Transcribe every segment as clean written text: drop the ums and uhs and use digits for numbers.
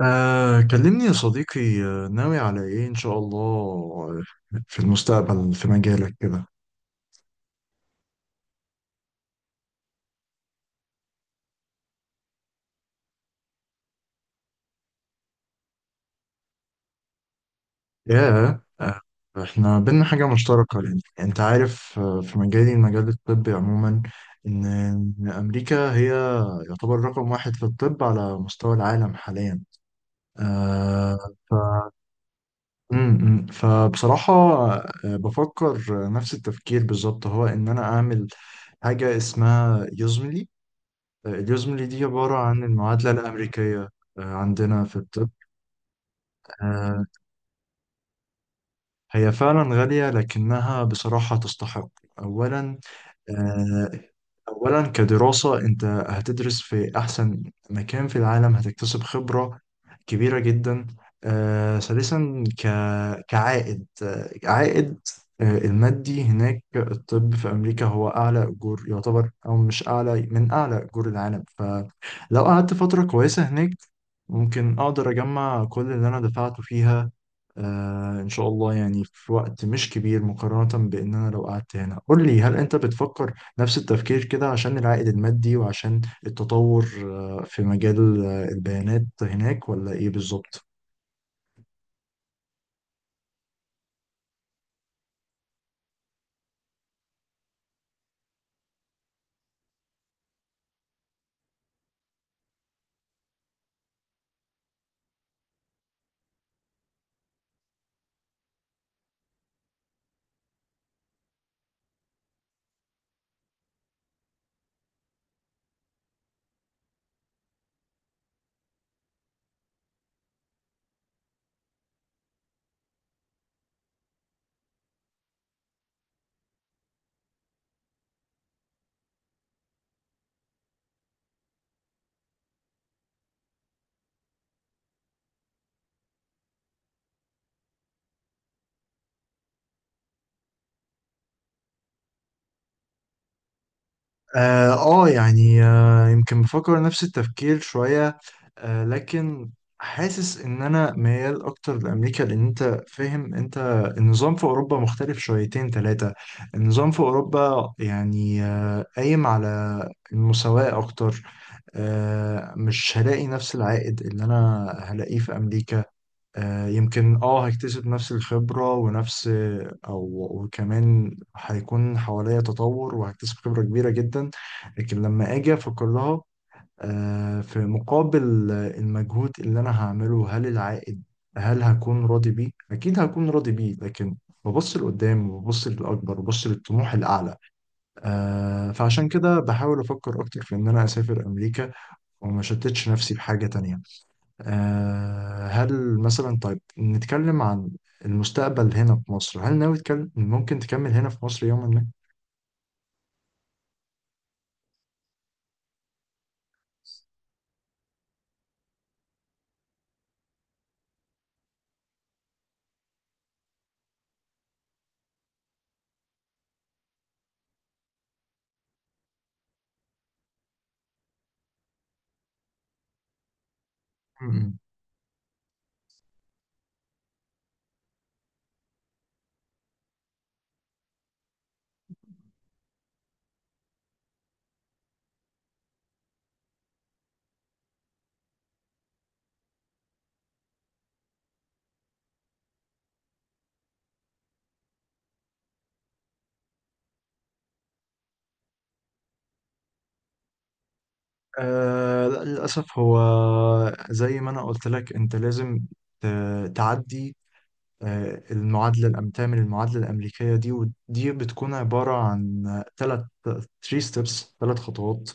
كلمني يا صديقي، ناوي على ايه ان شاء الله. في المستقبل في مجالك كده. ياه. احنا بينا حاجة مشتركة لأن انت عارف، في مجالي المجال الطبي عموما. إن امريكا هي يعتبر رقم واحد في الطب على مستوى العالم حاليا. آه ف... م- م. فبصراحة، بفكر نفس التفكير بالظبط، هو ان انا اعمل حاجة اسمها يوزملي. اليوزملي دي عبارة عن المعادلة الأمريكية، عندنا في الطب. آه، هي فعلا غالية لكنها بصراحة تستحق. أولا، آه، أولا كدراسة أنت هتدرس في أحسن مكان في العالم، هتكتسب خبرة كبيرة جدا. ثالثا كعائد، آه، عائد آه، المادي هناك. الطب في أمريكا هو أعلى أجور، يعتبر أو مش أعلى من أعلى أجور العالم. ف لو قعدت فترة كويسة هناك ممكن أقدر أجمع كل اللي أنا دفعته فيها، إن شاء الله، يعني في وقت مش كبير مقارنة بإن أنا لو قعدت هنا. قول لي، هل أنت بتفكر نفس التفكير كده عشان العائد المادي وعشان التطور في مجال البيانات هناك، ولا إيه بالظبط؟ اه. يعني، يمكن بفكر نفس التفكير شوية. لكن حاسس ان انا ميال اكتر لامريكا، لان انت فاهم، انت النظام في اوروبا مختلف شويتين ثلاثة. النظام في اوروبا يعني، قايم على المساواة اكتر. مش هلاقي نفس العائد اللي انا هلاقيه في امريكا. يمكن اه هيكتسب نفس الخبرة ونفس او وكمان هيكون حواليا تطور وهكتسب خبرة كبيرة جدا. لكن لما اجي افكر لها، في مقابل المجهود اللي انا هعمله، هل العائد، هل هكون راضي بيه؟ اكيد هكون راضي بيه، لكن ببص لقدام وببص للاكبر وببص للطموح الاعلى. فعشان كده بحاول افكر اكتر في ان انا اسافر امريكا وما شتتش نفسي بحاجة تانية. هل مثلا، طيب نتكلم عن المستقبل هنا في مصر. هل ناوي تكلم، ممكن تكمل هنا في مصر يوما ما؟ م- لا للأسف، هو زي ما أنا قلت لك أنت لازم تعدي ، المعادلة الأم، تعمل المعادلة الأمريكية دي. ودي بتكون عبارة عن ثلاث، 3 ستيبس، ثلاث خطوات.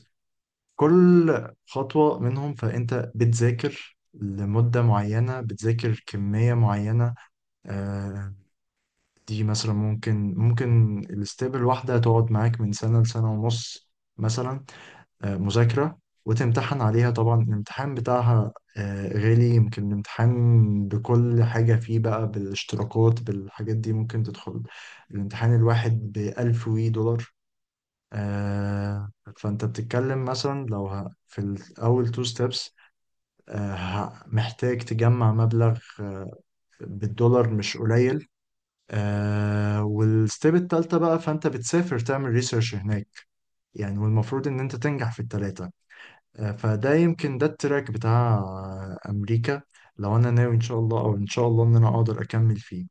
كل خطوة منهم فأنت بتذاكر لمدة معينة، بتذاكر كمية معينة. آه، دي مثلا ممكن، الاستيب الواحدة تقعد معاك من سنة لسنة ونص مثلا، مذاكرة، وتمتحن عليها. طبعا الامتحان بتاعها غالي، يمكن الامتحان بكل حاجة فيه بقى، بالاشتراكات بالحاجات دي، ممكن تدخل الامتحان الواحد بألف وي دولار. آه، فأنت بتتكلم مثلا لو في الأول تو ستيبس محتاج تجمع مبلغ بالدولار مش قليل. والستيب التالتة بقى، فأنت بتسافر تعمل ريسيرش هناك يعني. والمفروض إن أنت تنجح في التلاتة. فده يمكن ده التراك بتاع أمريكا، لو أنا ناوي إن شاء الله، أو إن شاء الله إن أنا أقدر أكمل فيه.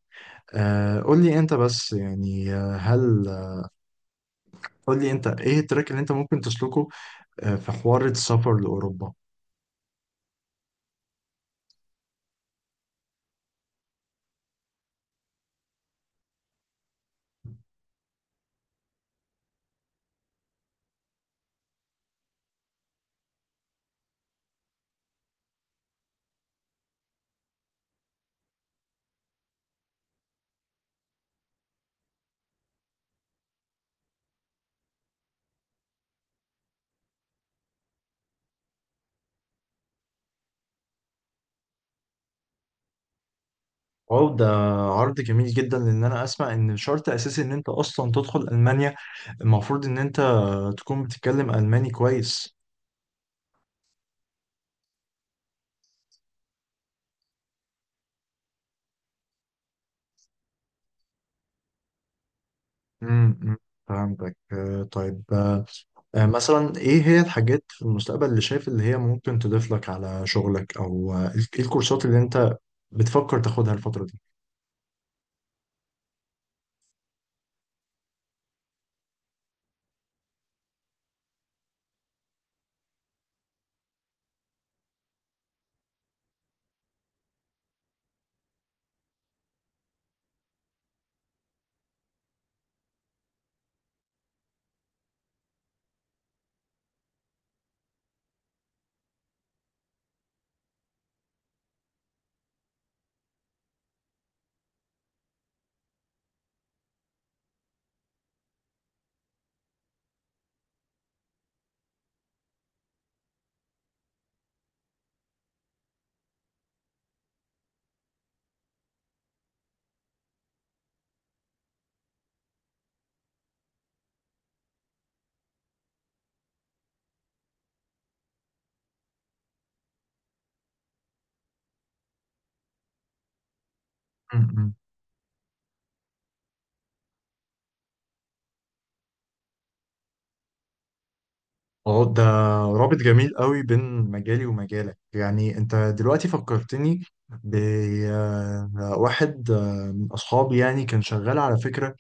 قول لي أنت بس، يعني، هل، قول لي أنت إيه التراك اللي أنت ممكن تسلكه في حوار السفر لأوروبا؟ واو، ده عرض جميل جدا، لان انا اسمع ان شرط اساسي ان انت اصلا تدخل المانيا المفروض ان انت تكون بتتكلم الماني كويس. أمم، فهمتك. مثلا ايه هي الحاجات في المستقبل اللي شايف اللي هي ممكن تضيف لك على شغلك، او ايه الكورسات اللي انت بتفكر تاخدها الفترة دي؟ امم اه ده رابط جميل قوي بين مجالي ومجالك. يعني انت دلوقتي فكرتني بواحد من اصحابي، يعني كان شغال على فكرة،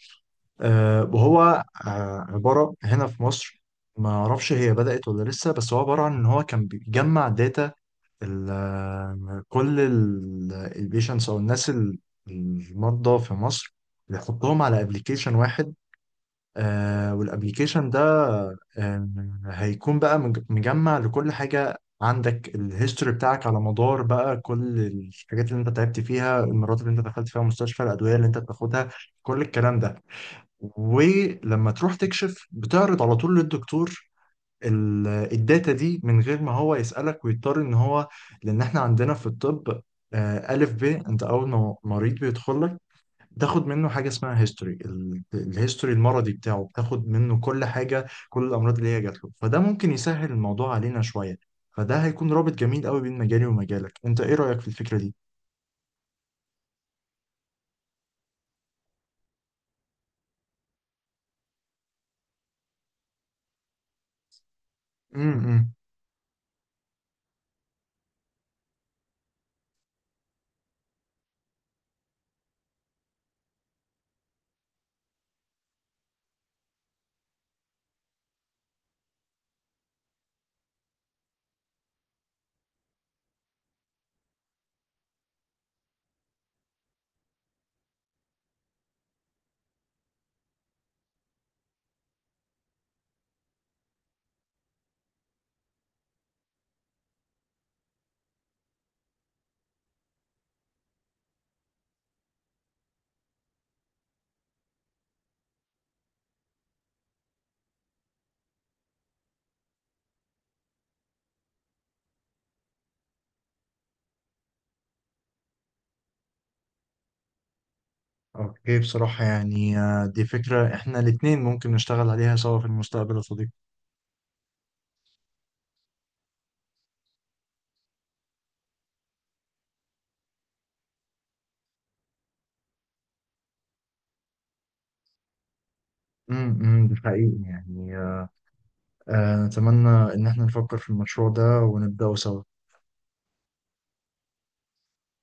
وهو عبارة هنا في مصر، ما اعرفش هي بدأت ولا لسه، بس هو عبارة عن ان هو كان بيجمع داتا كل البيشنتس او الناس المرضى في مصر، بيحطهم على ابلكيشن واحد. والابلكيشن ده آه هيكون بقى مجمع لكل حاجة، عندك الهيستوري بتاعك على مدار بقى كل الحاجات اللي انت تعبت فيها، المرات اللي انت دخلت فيها مستشفى، الادوية اللي انت بتاخدها، كل الكلام ده. ولما تروح تكشف بتعرض على طول للدكتور الداتا دي، من غير ما هو يسألك ويضطر ان هو، لان احنا عندنا في الطب، ألف ب، انت اول ما مريض بيدخل لك بتاخد منه حاجة اسمها هيستوري. الهيستوري المرضي بتاعه بتاخد منه كل حاجة، كل الأمراض اللي هي جات له، فده ممكن يسهل الموضوع علينا شوية. فده هيكون رابط جميل قوي بين مجالي ومجالك. انت ايه رأيك في الفكرة دي؟ امم. اوكي، بصراحة يعني، دي فكرة احنا الاتنين ممكن نشتغل عليها سوا في المستقبل يا صديقي. امم، ده حقيقي يعني. أتمنى إن احنا نفكر في المشروع ده ونبدأه سوا.